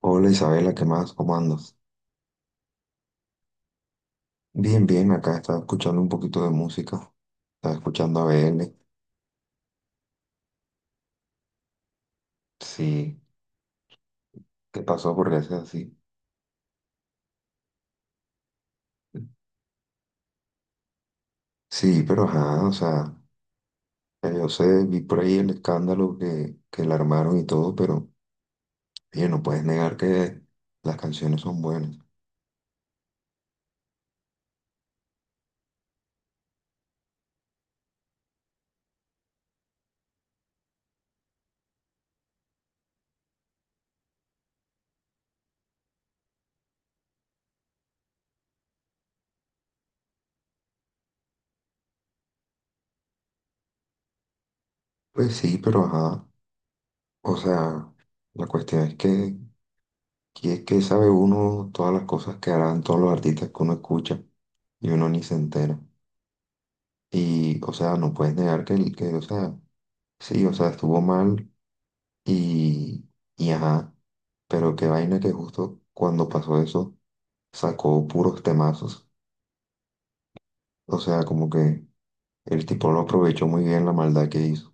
Hola Isabela, ¿qué más? ¿Cómo andas? Bien, bien, acá estaba escuchando un poquito de música. Estaba escuchando a BN. Sí, ¿qué pasó? ¿Por qué haces así? Sí, pero ajá, o sea, yo sé, vi por ahí el escándalo que le armaron y todo, pero oye, no puedes negar que las canciones son buenas. Pues sí, pero ajá, o sea, la cuestión es que es que sabe uno todas las cosas que harán todos los artistas que uno escucha y uno ni se entera. Y, o sea, no puedes negar que o sea, sí, o sea, estuvo mal y, y ajá, pero qué vaina que justo cuando pasó eso sacó puros temazos. O sea, como que el tipo lo aprovechó muy bien la maldad que hizo.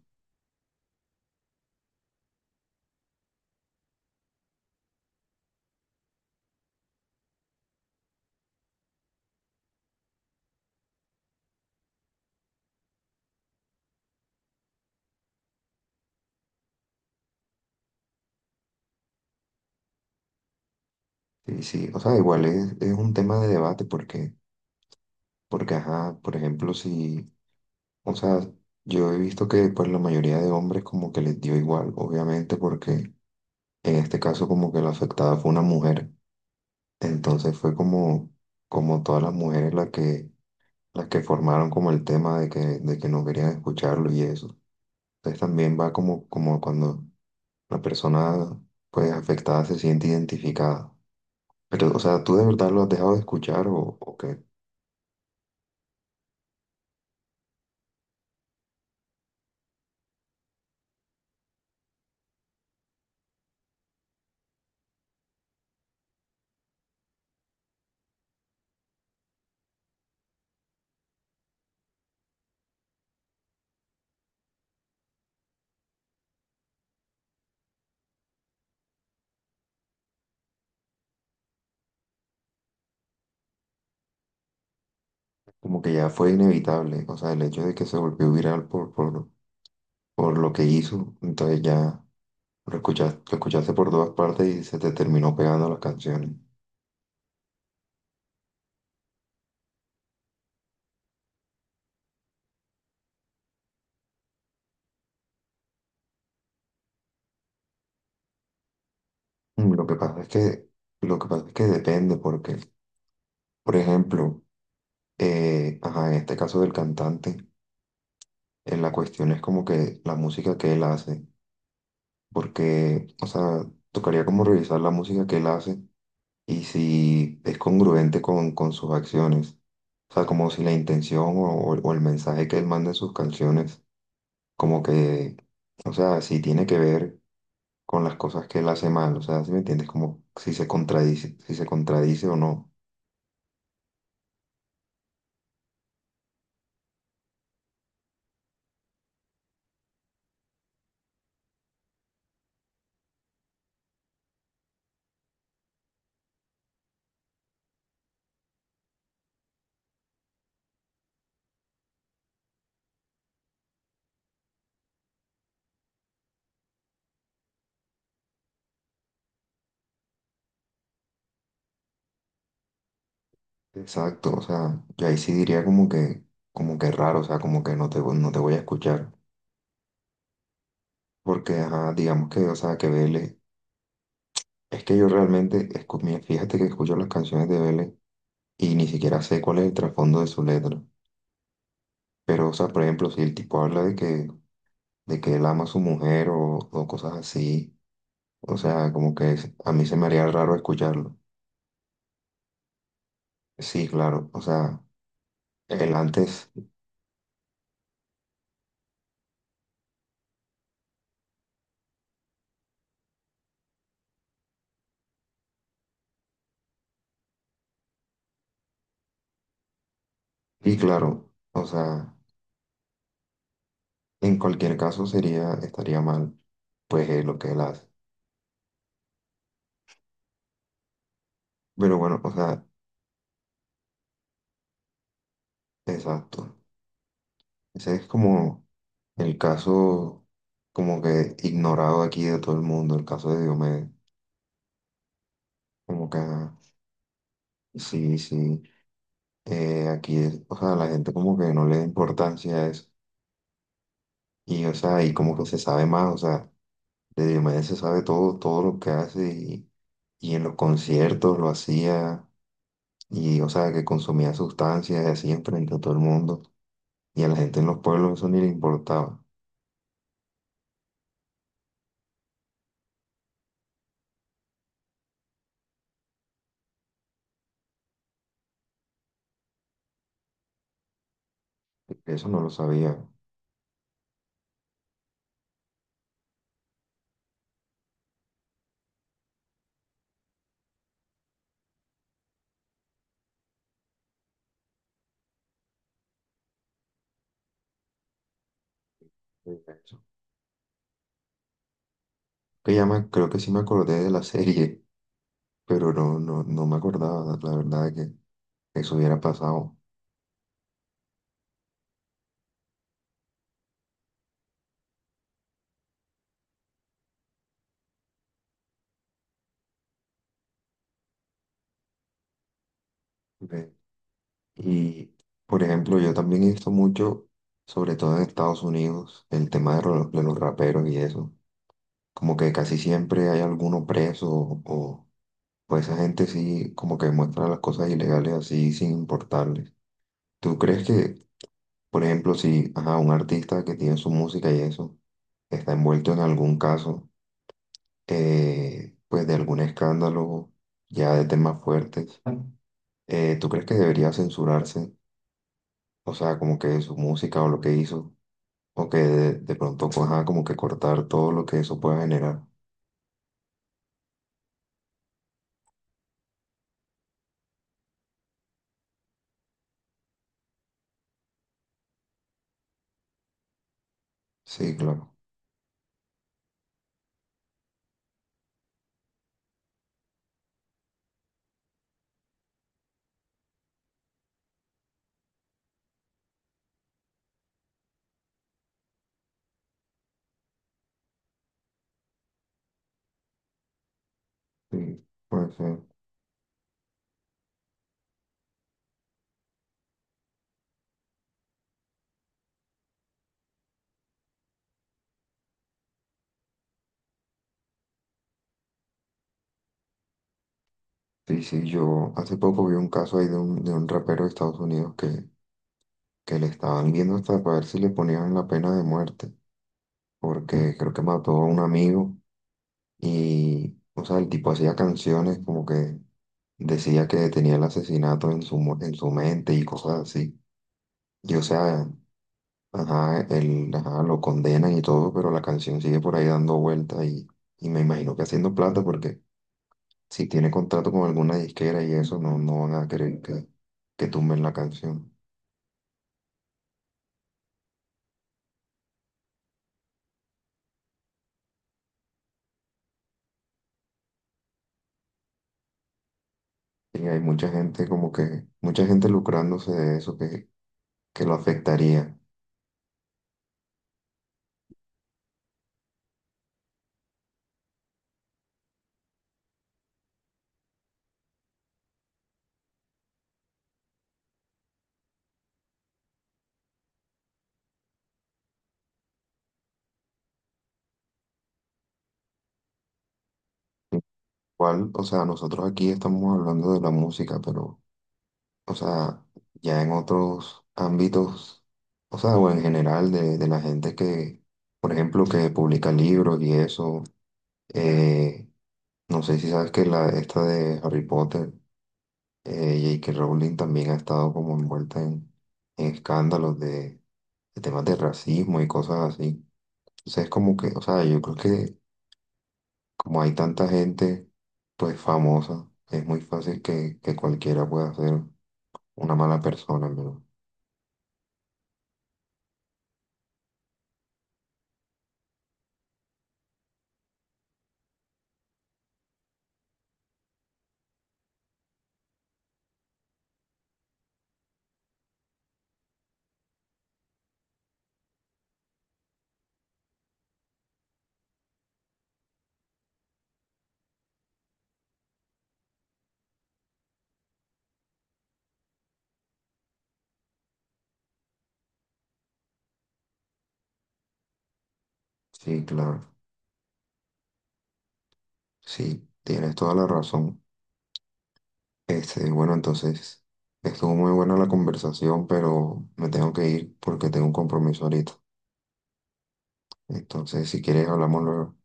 Sí, sí, o sea, igual es un tema de debate porque ajá, por ejemplo, si, o sea, yo he visto que pues la mayoría de hombres como que les dio igual, obviamente, porque en este caso como que la afectada fue una mujer. Entonces fue como, como todas las mujeres las que formaron como el tema de que no querían escucharlo y eso. Entonces también va como, como cuando la persona pues afectada se siente identificada. Pero, o sea, ¿tú de verdad lo has dejado de escuchar o qué? Como que ya fue inevitable, o sea, el hecho de que se volvió viral por lo que hizo, entonces ya lo escuchaste por todas partes y se te terminó pegando las canciones. Mm, lo que pasa es lo que pasa es que depende porque, por ejemplo, ajá, en este caso del cantante, la cuestión es como que la música que él hace, porque, o sea, tocaría como revisar la música que él hace y si es congruente con sus acciones, o sea, como si la intención o el mensaje que él manda en sus canciones, como que, o sea, si tiene que ver con las cosas que él hace mal, o sea, ¿si me entiendes? Como si se contradice, si se contradice o no. Exacto, o sea, yo ahí sí diría como que raro, o sea, como que no te voy a escuchar, porque, ajá, digamos que, o sea, que Vélez, es que yo realmente, escu- mira, fíjate que escucho las canciones de Vélez y ni siquiera sé cuál es el trasfondo de su letra, pero, o sea, por ejemplo, si el tipo habla de que él ama a su mujer o cosas así, o sea, como que es- a mí se me haría raro escucharlo. Sí, claro, o sea, el antes, sí, claro, o sea, en cualquier caso sería, estaría mal. Pues es lo que él hace. Pero bueno, o sea, exacto. Ese es como el caso como que ignorado aquí de todo el mundo, el caso de Diomedes. Como que, ajá, sí, sí, aquí es, o sea, la gente como que no le da importancia a eso. Y, o sea, y como que se sabe más, o sea, de Diomedes se sabe todo, todo lo que hace y en los conciertos lo hacía y, o sea, que consumía sustancias y así enfrente a todo el mundo. Y a la gente en los pueblos eso ni le importaba. Eso no lo sabía. Que ya me- creo que sí me acordé de la serie, pero no me acordaba, la verdad, que eso hubiera pasado. Ve. Y, por ejemplo, yo también he visto mucho, sobre todo en Estados Unidos, el tema de los raperos y eso. Como que casi siempre hay alguno preso o pues, esa gente sí como que muestra las cosas ilegales así sin importarles. ¿Tú crees que, por ejemplo, si ajá, un artista que tiene su música y eso está envuelto en algún caso? Pues de algún escándalo ya de temas fuertes, ¿tú crees que debería censurarse? O sea, como que su música o lo que hizo, o que de pronto, pues, ajá, como que cortar todo lo que eso pueda generar. Sí, claro. Sí, puede ser. Sí, sí, yo hace poco vi un caso ahí de un rapero de Estados Unidos que le estaban viendo hasta para ver si le ponían la pena de muerte, porque creo que mató a un amigo o sea, el tipo hacía canciones como que decía que tenía el asesinato en su, mo- en su mente y cosas así. Y o sea, ajá, él, ajá, lo condenan y todo, pero la canción sigue por ahí dando vueltas y me imagino que haciendo plata porque si tiene contrato con alguna disquera y eso, no van a querer que tumben la canción. Y hay mucha gente como que, mucha gente lucrándose de eso que lo afectaría. Igual, o sea, nosotros aquí estamos hablando de la música, pero o sea, ya en otros ámbitos, o sea, o en general de la gente que, por ejemplo, que publica libros y eso, eh, no sé si sabes que la, esta de Harry Potter, JK Rowling también ha estado como envuelta en escándalos de temas de racismo y cosas así. Entonces es como que, o sea, yo creo que como hay tanta gente, pues famosa, es muy fácil que cualquiera pueda ser una mala persona, en verdad. Sí, claro. Sí, tienes toda la razón. Este, bueno, entonces, estuvo muy buena la conversación, pero me tengo que ir porque tengo un compromiso ahorita. Entonces, si quieres, hablamos luego.